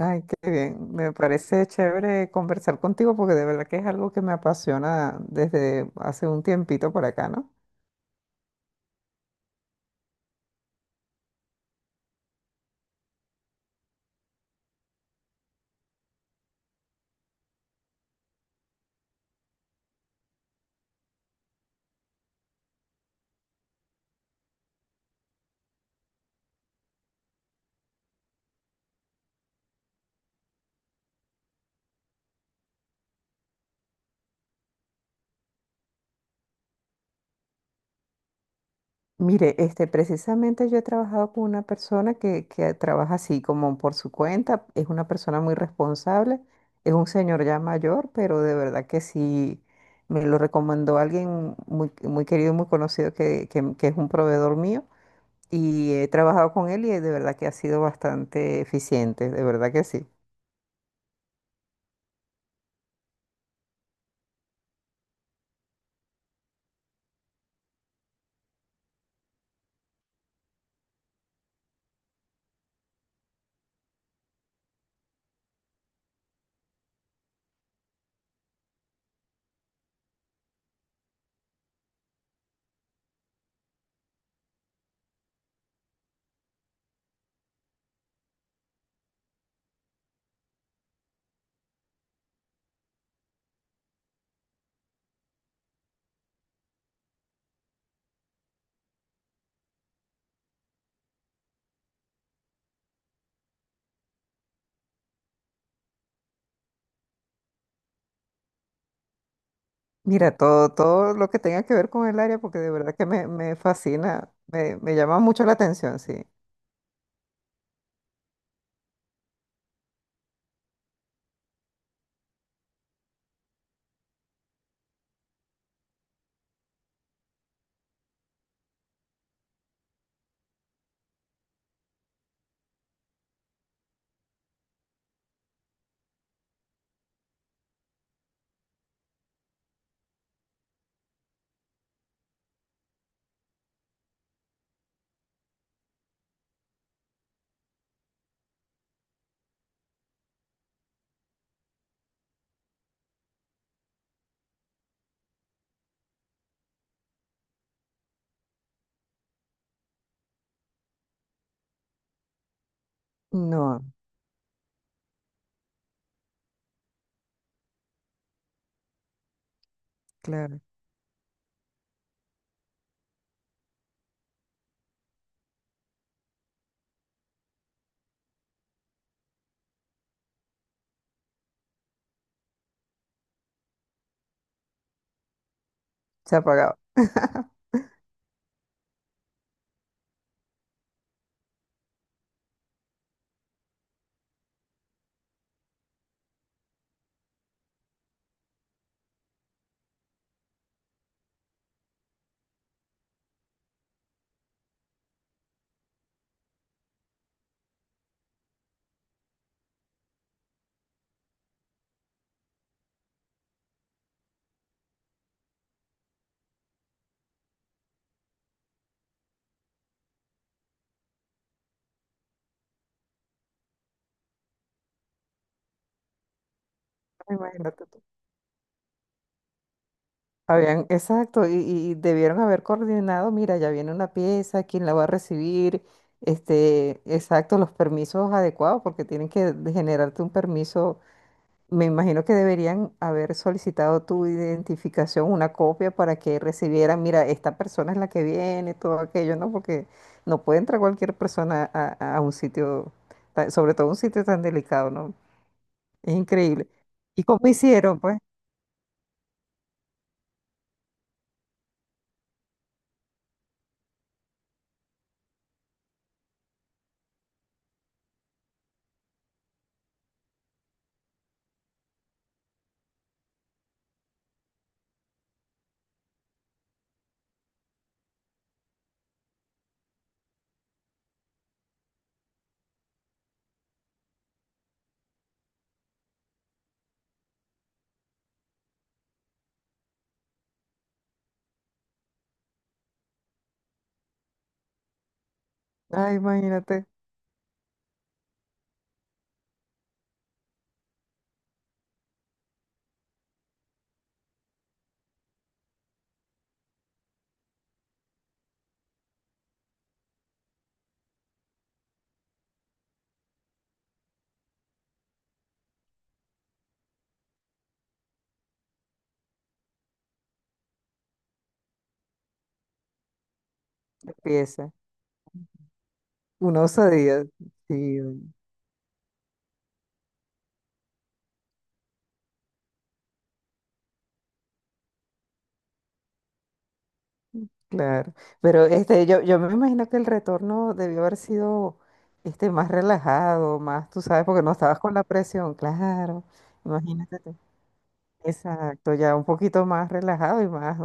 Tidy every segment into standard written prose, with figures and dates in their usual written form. Ay, qué bien. Me parece chévere conversar contigo porque de verdad que es algo que me apasiona desde hace un tiempito por acá, ¿no? Mire, este, precisamente yo he trabajado con una persona que trabaja así como por su cuenta, es una persona muy responsable, es un señor ya mayor, pero de verdad que sí, me lo recomendó alguien muy, muy querido, muy conocido que es un proveedor mío y he trabajado con él y de verdad que ha sido bastante eficiente, de verdad que sí. Mira, todo lo que tenga que ver con el área, porque de verdad que me fascina, me llama mucho la atención, sí. No, claro, se apagaba. Imagínate tú. Habían, exacto, y debieron haber coordinado, mira, ya viene una pieza, ¿quién la va a recibir? Este, exacto, los permisos adecuados, porque tienen que generarte un permiso. Me imagino que deberían haber solicitado tu identificación, una copia para que recibieran, mira, esta persona es la que viene, todo aquello, ¿no? Porque no puede entrar cualquier persona a un sitio, sobre todo un sitio tan delicado, ¿no? Es increíble. ¿Y cómo hicieron, pues? Ay, imagínate, empieza. Una osadía. Sí, claro. Pero este, yo me imagino que el retorno debió haber sido este, más relajado, más, tú sabes, porque no estabas con la presión, claro. Imagínate. Exacto, ya un poquito más relajado y más.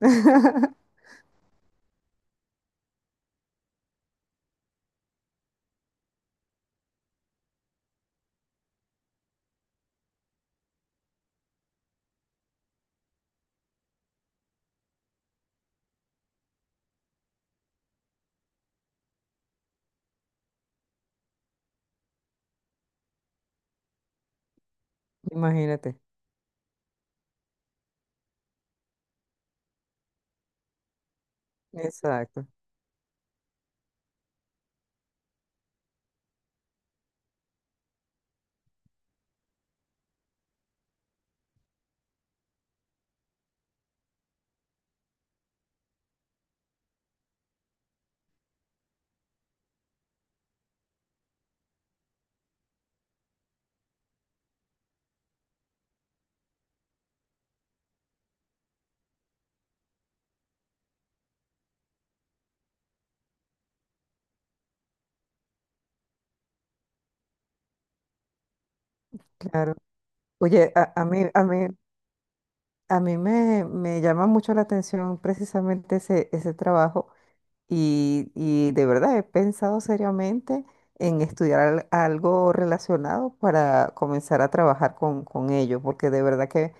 Imagínate. Exacto, claro. Oye, a mí me llama mucho la atención precisamente ese trabajo y de verdad he pensado seriamente en estudiar algo relacionado para comenzar a trabajar con ello, porque de verdad que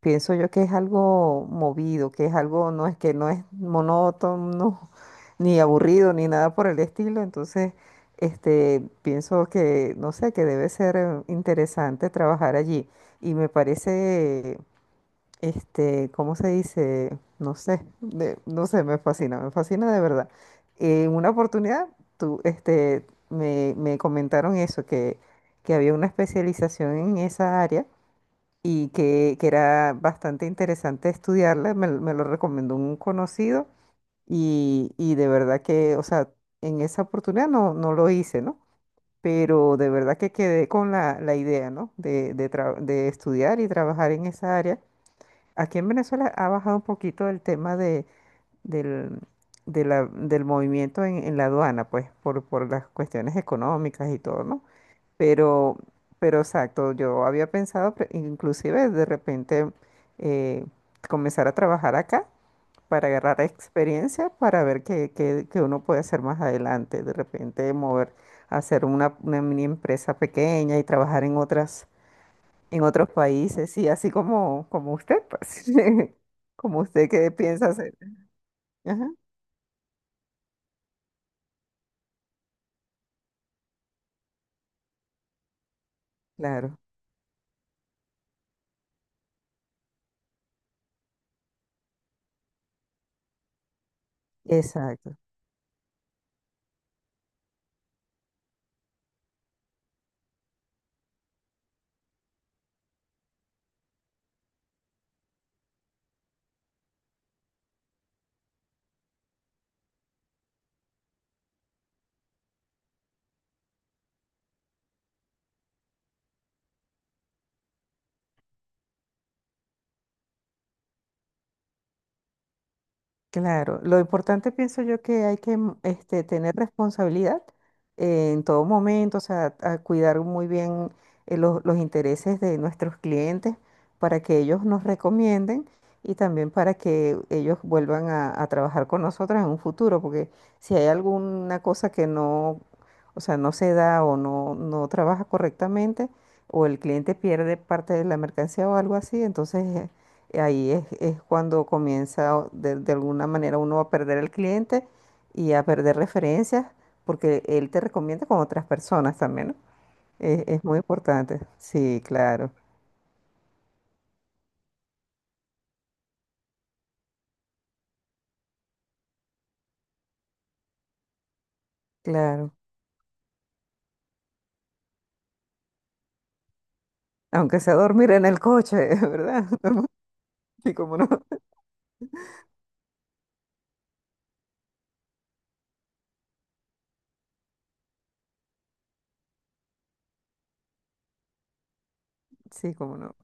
pienso yo que es algo movido, que es algo, no es que no es monótono, ni aburrido, ni nada por el estilo. Entonces, este, pienso que, no sé, que debe ser interesante trabajar allí. Y me parece, este, ¿cómo se dice? No sé, no sé, me fascina de verdad. En una oportunidad, tú, este, me comentaron eso, que había una especialización en esa área y que era bastante interesante estudiarla, me lo recomendó un conocido y de verdad que, o sea, en esa oportunidad no lo hice, ¿no? Pero de verdad que quedé con la idea, ¿no? De estudiar y trabajar en esa área. Aquí en Venezuela ha bajado un poquito el tema de, del, del movimiento en la aduana, pues, por las cuestiones económicas y todo, ¿no? Pero, pero exacto, yo había pensado inclusive de repente eh, comenzar a trabajar acá para agarrar experiencia, para ver qué uno puede hacer más adelante, de repente mover, hacer una mini empresa pequeña y trabajar en otras, en otros países, y así como, como usted, pues, como usted que piensa hacer. Ajá, claro, exacto. Claro, lo importante pienso yo que hay que este, tener responsabilidad en todo momento, o sea, a cuidar muy bien los intereses de nuestros clientes para que ellos nos recomienden y también para que ellos vuelvan a trabajar con nosotros en un futuro, porque si hay alguna cosa que no, o sea, no se da o no trabaja correctamente o el cliente pierde parte de la mercancía o algo así, entonces ahí es cuando comienza de alguna manera uno a perder el cliente y a perder referencias, porque él te recomienda con otras personas también, ¿no? Es muy importante. Sí, claro, claro. Aunque sea dormir en el coche, ¿verdad? Sí, cómo no. Sí, cómo no.